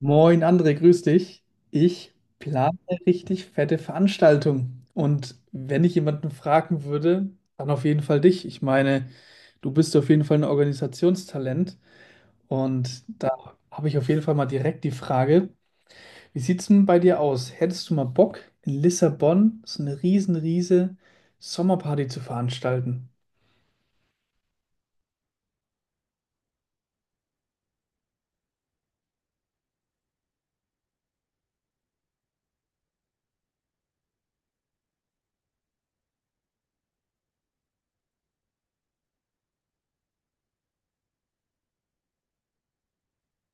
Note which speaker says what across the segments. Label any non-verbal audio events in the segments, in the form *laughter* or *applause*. Speaker 1: Moin André, grüß dich. Ich Ja. Plane eine richtig fette Veranstaltung. Und wenn ich jemanden fragen würde, dann auf jeden Fall dich. Ich meine, du bist auf jeden Fall ein Organisationstalent. Und da habe ich auf jeden Fall mal direkt die Frage, wie sieht es denn bei dir aus? Hättest du mal Bock, in Lissabon so eine riesen, riese Sommerparty zu veranstalten?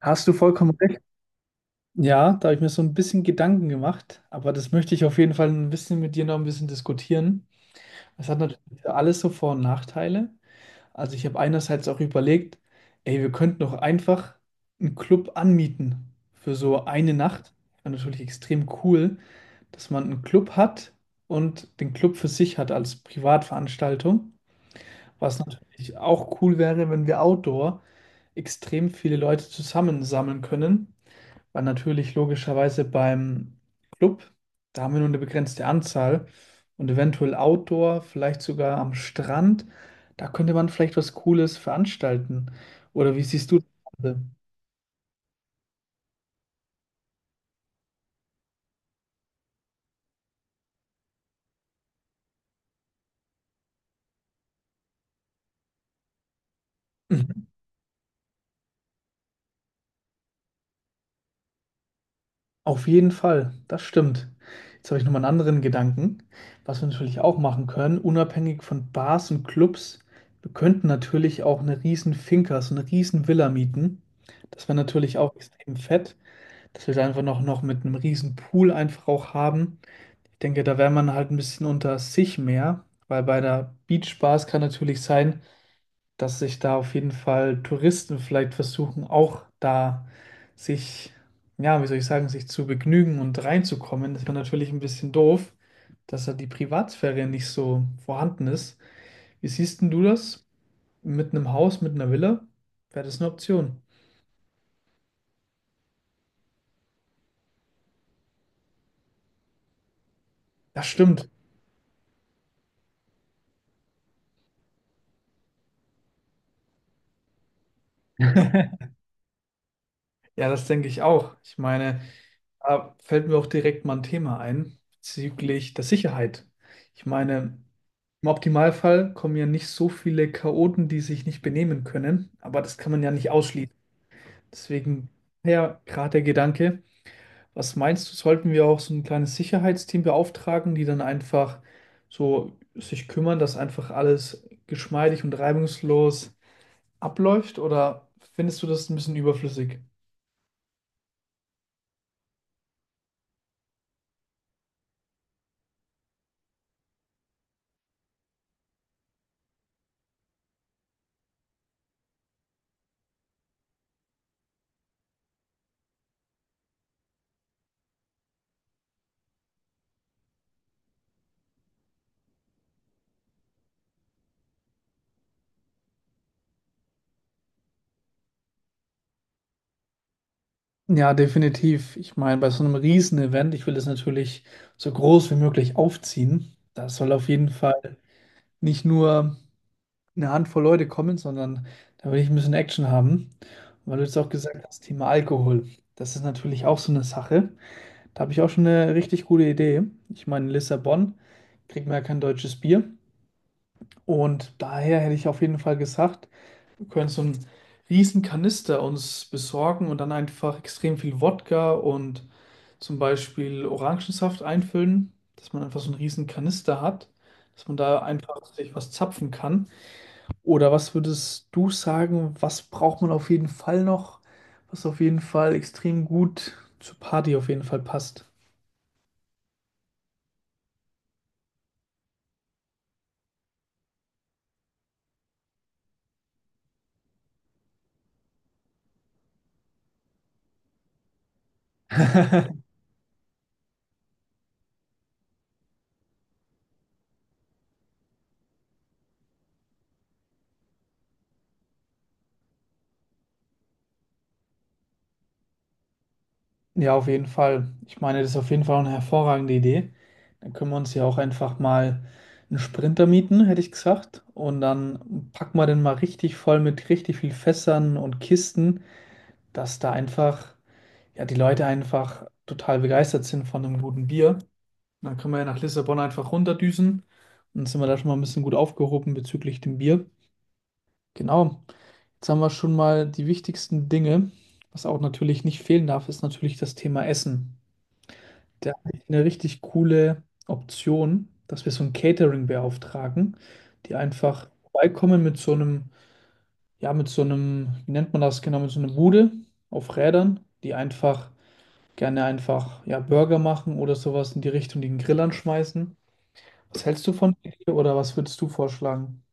Speaker 1: Hast du vollkommen recht. Ja, da habe ich mir so ein bisschen Gedanken gemacht, aber das möchte ich auf jeden Fall ein bisschen mit dir noch ein bisschen diskutieren. Es hat natürlich für alles so Vor- und Nachteile. Also ich habe einerseits auch überlegt, ey, wir könnten doch einfach einen Club anmieten für so eine Nacht. Wäre natürlich extrem cool, dass man einen Club hat und den Club für sich hat als Privatveranstaltung. Was natürlich auch cool wäre, wenn wir outdoor extrem viele Leute zusammensammeln können, war natürlich logischerweise beim Club. Da haben wir nur eine begrenzte Anzahl und eventuell Outdoor, vielleicht sogar am Strand. Da könnte man vielleicht was Cooles veranstalten. Oder wie siehst du das Ganze? Mhm. Auf jeden Fall, das stimmt. Jetzt habe ich nochmal einen anderen Gedanken, was wir natürlich auch machen können, unabhängig von Bars und Clubs. Wir könnten natürlich auch eine riesen Finca, so eine riesen Villa mieten. Das wäre natürlich auch extrem fett. Dass wir da einfach noch mit einem riesen Pool einfach auch haben. Ich denke, da wäre man halt ein bisschen unter sich mehr, weil bei der Beachbars kann natürlich sein, dass sich da auf jeden Fall Touristen vielleicht versuchen, auch da sich, ja, wie soll ich sagen, sich zu begnügen und reinzukommen. Das wäre natürlich ein bisschen doof, dass da die Privatsphäre nicht so vorhanden ist. Wie siehst denn du das? Mit einem Haus, mit einer Villa? Wäre das eine Option? Das stimmt. *laughs* Ja, das denke ich auch. Ich meine, da fällt mir auch direkt mal ein Thema ein bezüglich der Sicherheit. Ich meine, im Optimalfall kommen ja nicht so viele Chaoten, die sich nicht benehmen können, aber das kann man ja nicht ausschließen. Deswegen ja, gerade der Gedanke, was meinst du, sollten wir auch so ein kleines Sicherheitsteam beauftragen, die dann einfach so sich kümmern, dass einfach alles geschmeidig und reibungslos abläuft? Oder findest du das ein bisschen überflüssig? Ja, definitiv. Ich meine, bei so einem Riesen-Event, ich will es natürlich so groß wie möglich aufziehen. Da soll auf jeden Fall nicht nur eine Handvoll Leute kommen, sondern da will ich ein bisschen Action haben. Und weil du jetzt auch gesagt hast, Thema Alkohol, das ist natürlich auch so eine Sache. Da habe ich auch schon eine richtig gute Idee. Ich meine, in Lissabon kriegt man ja kein deutsches Bier. Und daher hätte ich auf jeden Fall gesagt, wir können so einen riesen Kanister uns besorgen und dann einfach extrem viel Wodka und zum Beispiel Orangensaft einfüllen, dass man einfach so einen riesen Kanister hat, dass man da einfach sich was zapfen kann. Oder was würdest du sagen, was braucht man auf jeden Fall noch, was auf jeden Fall extrem gut zur Party auf jeden Fall passt? *laughs* Ja, auf jeden Fall. Ich meine, das ist auf jeden Fall eine hervorragende Idee. Dann können wir uns ja auch einfach mal einen Sprinter mieten, hätte ich gesagt. Und dann packen wir den mal richtig voll mit richtig viel Fässern und Kisten, dass da einfach, ja, die Leute einfach total begeistert sind von einem guten Bier. Und dann können wir ja nach Lissabon einfach runterdüsen. Und dann sind wir da schon mal ein bisschen gut aufgehoben bezüglich dem Bier. Genau. Jetzt haben wir schon mal die wichtigsten Dinge. Was auch natürlich nicht fehlen darf, ist natürlich das Thema Essen. Da habe ich eine richtig coole Option, dass wir so ein Catering beauftragen, die einfach vorbeikommen mit so einem, ja, mit so einem, wie nennt man das genau, mit so einer Bude auf Rädern, die einfach gerne einfach, ja, Burger machen oder sowas in die Richtung, die den Grill anschmeißen. Was hältst du von der Idee oder was würdest du vorschlagen?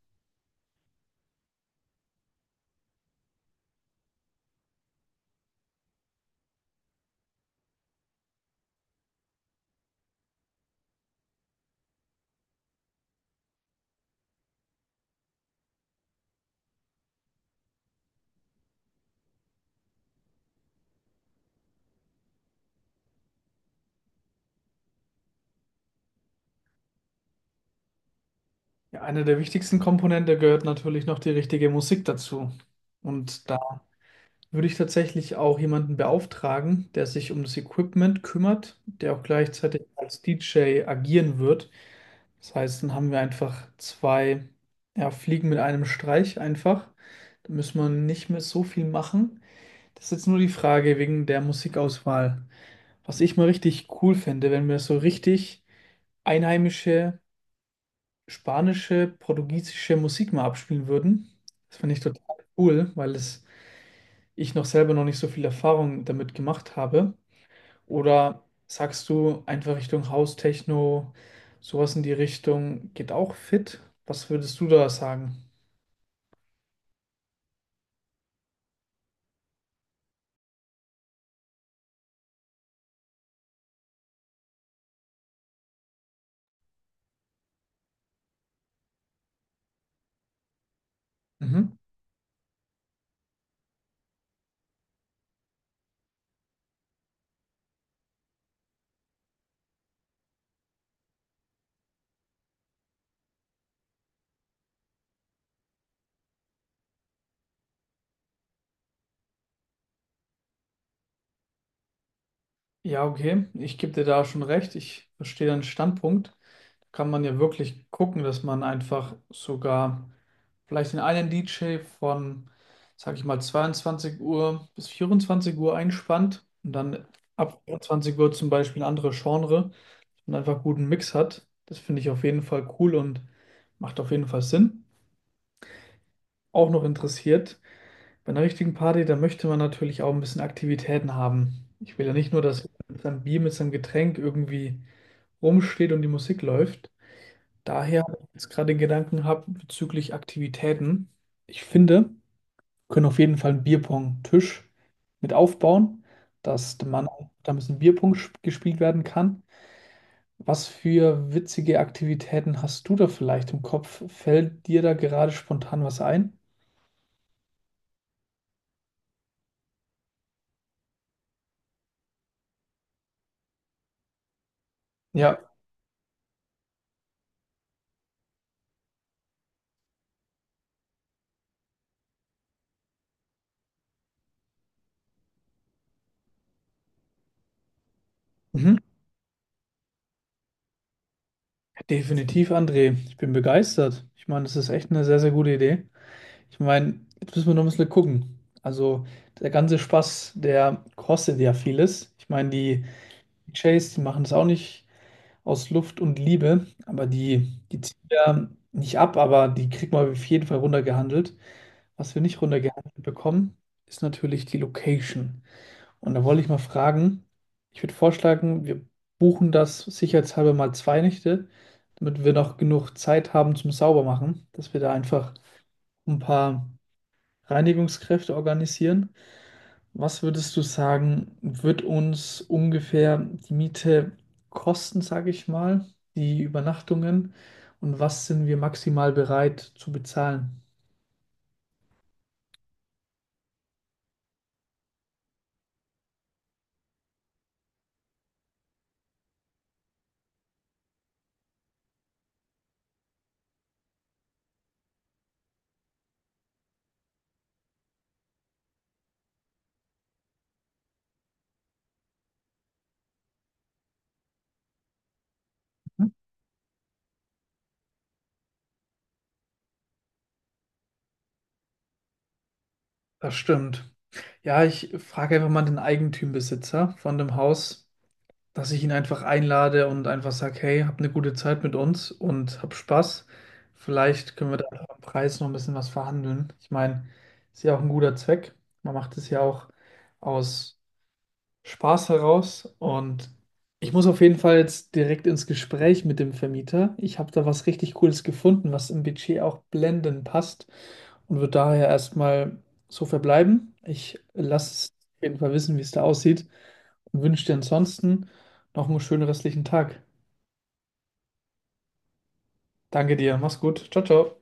Speaker 1: Ja, eine der wichtigsten Komponente gehört natürlich noch die richtige Musik dazu. Und da würde ich tatsächlich auch jemanden beauftragen, der sich um das Equipment kümmert, der auch gleichzeitig als DJ agieren wird. Das heißt, dann haben wir einfach zwei, ja, Fliegen mit einem Streich einfach. Da müssen wir nicht mehr so viel machen. Das ist jetzt nur die Frage wegen der Musikauswahl. Was ich mal richtig cool fände, wenn wir so richtig einheimische, spanische, portugiesische Musik mal abspielen würden. Das fände ich total cool, weil es ich noch selber noch nicht so viel Erfahrung damit gemacht habe? Oder sagst du einfach Richtung House-Techno, sowas in die Richtung geht auch fit? Was würdest du da sagen? Mhm. Ja, okay, ich gebe dir da schon recht. Ich verstehe deinen Standpunkt. Kann man ja wirklich gucken, dass man einfach sogar vielleicht den einen DJ von, sag ich mal, 22 Uhr bis 24 Uhr einspannt und dann ab 20 Uhr zum Beispiel ein anderes Genre. Und einfach guten Mix hat. Das finde ich auf jeden Fall cool und macht auf jeden Fall Sinn. Auch noch interessiert, bei einer richtigen Party, da möchte man natürlich auch ein bisschen Aktivitäten haben. Ich will ja nicht nur, dass jemand mit seinem Bier, mit seinem Getränk irgendwie rumsteht und die Musik läuft. Daher jetzt gerade den Gedanken habe bezüglich Aktivitäten. Ich finde, wir können auf jeden Fall einen Bierpong-Tisch mit aufbauen, dass der Mann, da ein bisschen gespielt werden kann. Was für witzige Aktivitäten hast du da vielleicht im Kopf? Fällt dir da gerade spontan was ein? Ja, mhm. Definitiv, André. Ich bin begeistert. Ich meine, das ist echt eine sehr, sehr gute Idee. Ich meine, jetzt müssen wir noch ein bisschen gucken. Also, der ganze Spaß, der kostet ja vieles. Ich meine, die Chase die machen es auch nicht aus Luft und Liebe, aber die ziehen ja nicht ab, aber die kriegt man auf jeden Fall runtergehandelt. Was wir nicht runtergehandelt bekommen, ist natürlich die Location. Und da wollte ich mal fragen, ich würde vorschlagen, wir buchen das sicherheitshalber mal zwei Nächte, damit wir noch genug Zeit haben zum Saubermachen, dass wir da einfach ein paar Reinigungskräfte organisieren. Was würdest du sagen, wird uns ungefähr die Miete kosten, sage ich mal, die Übernachtungen und was sind wir maximal bereit zu bezahlen? Das stimmt. Ja, ich frage einfach mal den Eigentümerbesitzer von dem Haus, dass ich ihn einfach einlade und einfach sage, hey, hab eine gute Zeit mit uns und hab Spaß. Vielleicht können wir da einfach am Preis noch ein bisschen was verhandeln. Ich meine, ist ja auch ein guter Zweck. Man macht es ja auch aus Spaß heraus und ich muss auf jeden Fall jetzt direkt ins Gespräch mit dem Vermieter. Ich habe da was richtig Cooles gefunden, was im Budget auch blendend passt und würde daher erstmal so verbleiben. Ich lasse es auf jeden Fall wissen, wie es da aussieht und wünsche dir ansonsten noch einen schönen restlichen Tag. Danke dir, mach's gut. Ciao, ciao.